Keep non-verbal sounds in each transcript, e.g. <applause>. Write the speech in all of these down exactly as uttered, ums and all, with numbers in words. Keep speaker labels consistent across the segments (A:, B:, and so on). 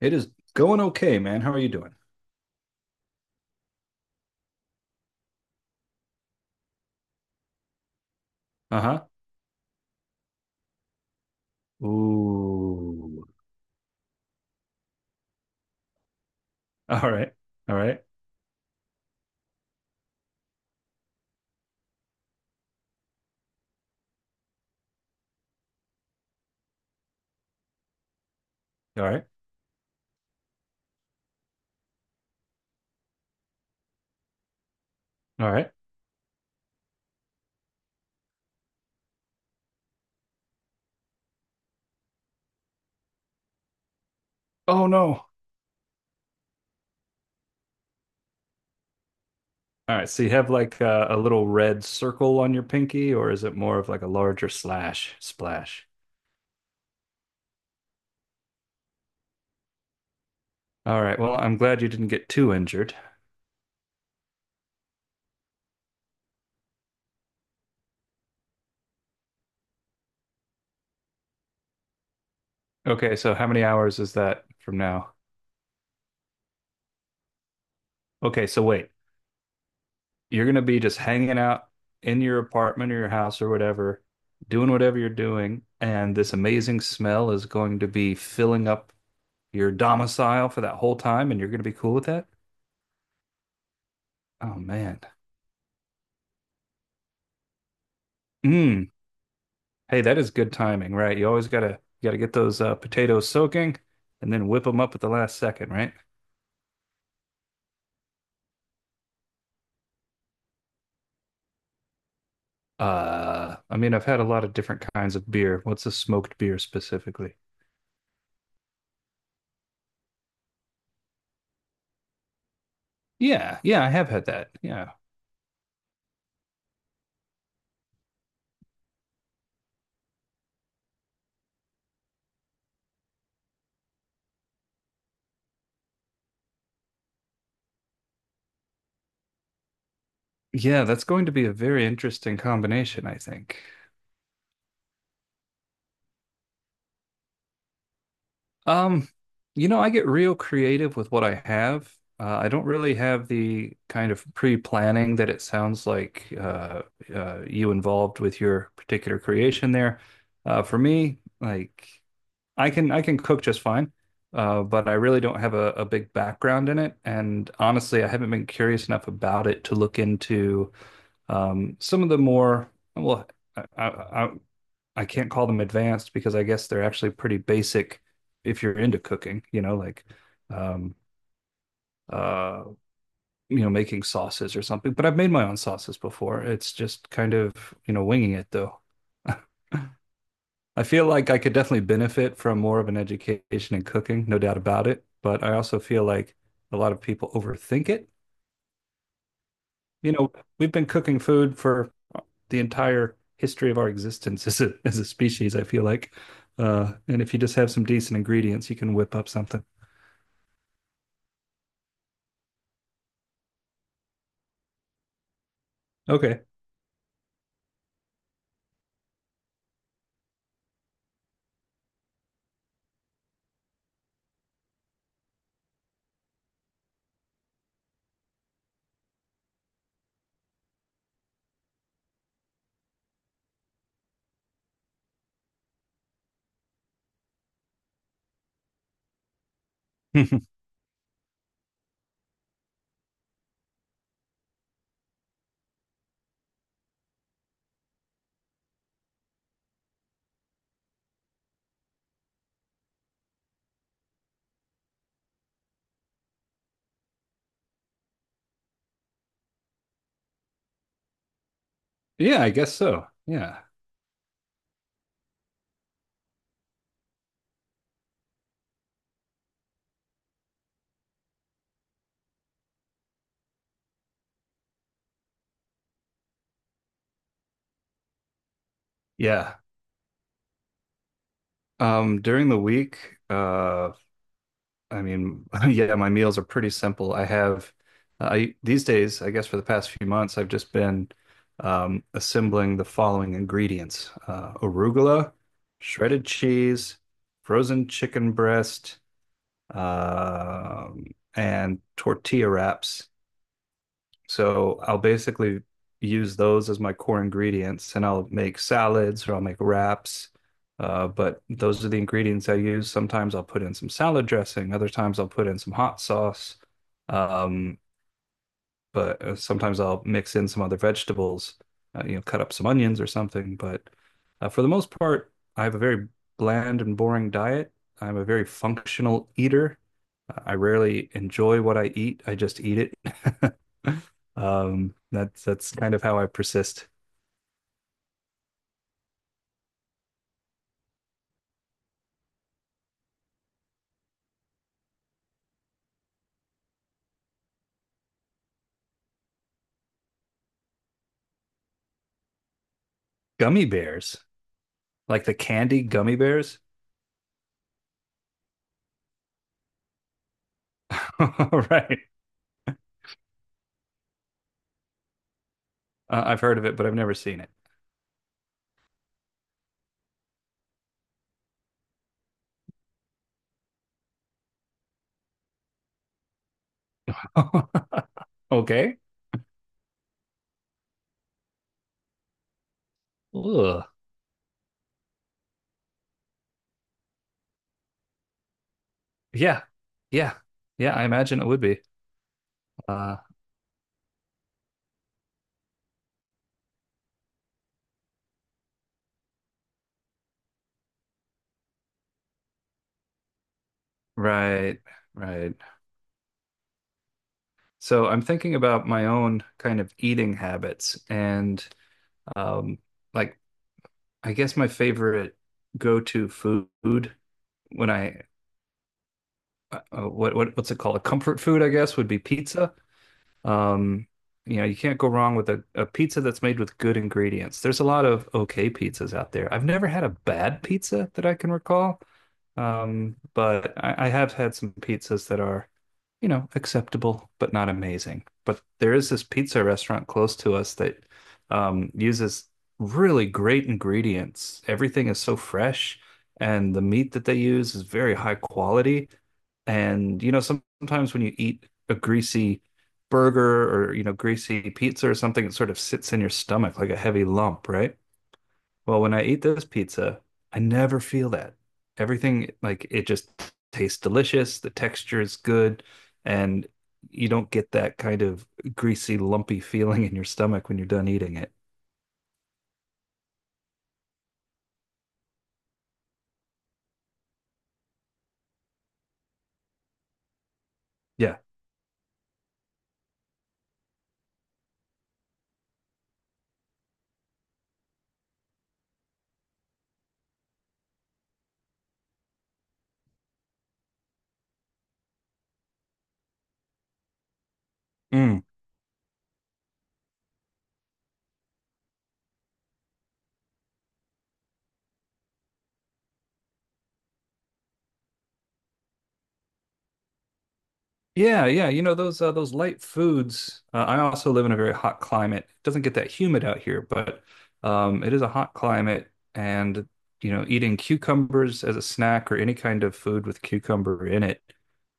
A: It is going okay, man. How are you doing? Uh-huh. Ooh. All right. All right. All right. All right. Oh no. All right. So you have like a, a little red circle on your pinky, or is it more of like a larger slash splash? All right. Well, I'm glad you didn't get too injured. Okay. So how many hours is that from now? Okay. So wait, you're going to be just hanging out in your apartment or your house or whatever, doing whatever you're doing, and this amazing smell is going to be filling up your domicile for that whole time and you're going to be cool with that? Oh man. Mm. Hey, that is good timing, right? You always got to got to get those uh, potatoes soaking and then whip them up at the last second, right? Uh, I mean, I've had a lot of different kinds of beer. What's a smoked beer specifically? Yeah, yeah, I have had that. Yeah. Yeah, that's going to be a very interesting combination, I think. Um, you know, I get real creative with what I have. Uh, I don't really have the kind of pre-planning that it sounds like uh, uh, you involved with your particular creation there. Uh, for me, like I can I can cook just fine, uh, but I really don't have a, a big background in it. And honestly, I haven't been curious enough about it to look into um, some of the more well, I, I, I I can't call them advanced because I guess they're actually pretty basic if you're into cooking, you know, like um uh you know making sauces or something. But I've made my own sauces before. It's just kind of, you know, winging it though. <laughs> I feel like I could definitely benefit from more of an education in cooking, no doubt about it, but I also feel like a lot of people overthink it. You know, we've been cooking food for the entire history of our existence as a as a species, I feel like. Uh, and if you just have some decent ingredients, you can whip up something. Okay. <laughs> Yeah, I guess so. Yeah. Yeah. Um, during the week, uh, I mean, <laughs> yeah, my meals are pretty simple. I have, uh, I these days, I guess for the past few months, I've just been um, assembling the following ingredients: uh, arugula, shredded cheese, frozen chicken breast, um, and tortilla wraps. So I'll basically use those as my core ingredients and I'll make salads or I'll make wraps. Uh, but those are the ingredients I use. Sometimes I'll put in some salad dressing, other times I'll put in some hot sauce. Um, but uh, sometimes I'll mix in some other vegetables, uh, you know, cut up some onions or something. But uh, for the most part, I have a very bland and boring diet. I'm a very functional eater. Uh, I rarely enjoy what I eat. I just eat it. <laughs> Um, that's that's kind of how I persist. Gummy bears. Like the candy gummy bears. <laughs> Right? Uh, I've heard of it, but I've never seen it. <laughs> Okay. Ugh. Yeah, yeah, yeah. I imagine it would be. Uh, right, right. So I'm thinking about my own kind of eating habits and um, like I guess my favorite go-to food when I uh, uh, what what what's it called? A comfort food, I guess, would be pizza. Um, you know, you can't go wrong with a, a pizza that's made with good ingredients. There's a lot of okay pizzas out there. I've never had a bad pizza that I can recall, um, but I, I have had some pizzas that are, you know, acceptable but not amazing. But there is this pizza restaurant close to us that um, uses really great ingredients. Everything is so fresh, and the meat that they use is very high quality. And you know, some- sometimes when you eat a greasy burger or you know, greasy pizza or something, it sort of sits in your stomach like a heavy lump, right? Well, when I eat this pizza, I never feel that. Everything, like, it just tastes delicious. The texture is good. And you don't get that kind of greasy, lumpy feeling in your stomach when you're done eating it. Yeah. Mm. Yeah, yeah. You know those uh, those light foods. Uh, I also live in a very hot climate. It doesn't get that humid out here, but um, it is a hot climate, and you know, eating cucumbers as a snack or any kind of food with cucumber in it,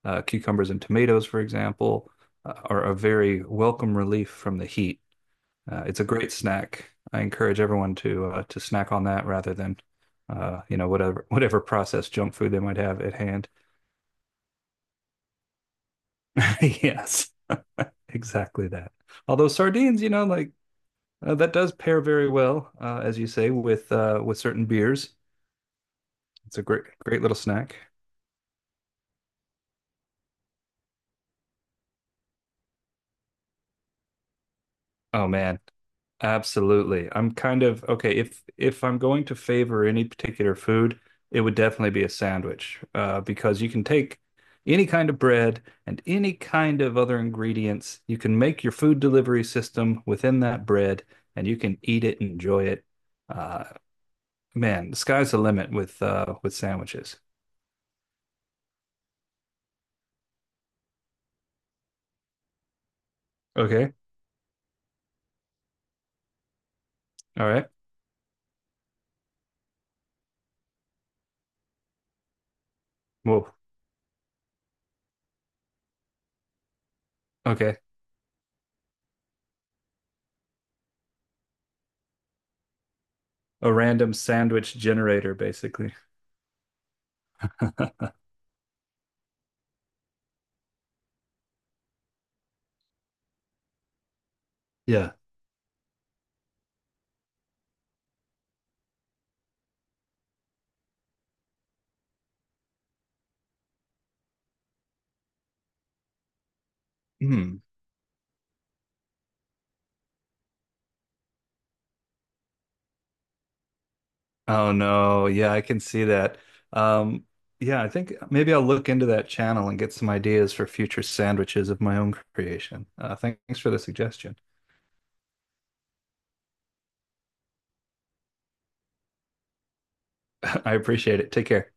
A: uh, cucumbers and tomatoes, for example, uh, are a very welcome relief from the heat. Uh, it's a great snack. I encourage everyone to uh, to snack on that rather than uh, you know whatever <laughs> whatever processed junk food they might have at hand. <laughs> Yes. Exactly that. Although sardines, you know, like uh, that does pair very well, uh, as you say, with uh, with certain beers. It's a great, great little snack. Oh man, absolutely. I'm kind of okay. If if I'm going to favor any particular food, it would definitely be a sandwich, uh, because you can take any kind of bread and any kind of other ingredients. You can make your food delivery system within that bread, and you can eat it, enjoy it. Uh, Man, the sky's the limit with uh with sandwiches. Okay. All right. Whoa. Okay. A random sandwich generator, basically. <laughs> Yeah. Hmm. Oh no. Yeah, I can see that. Um, yeah, I think maybe I'll look into that channel and get some ideas for future sandwiches of my own creation. Uh, thanks for the suggestion. <laughs> I appreciate it. Take care.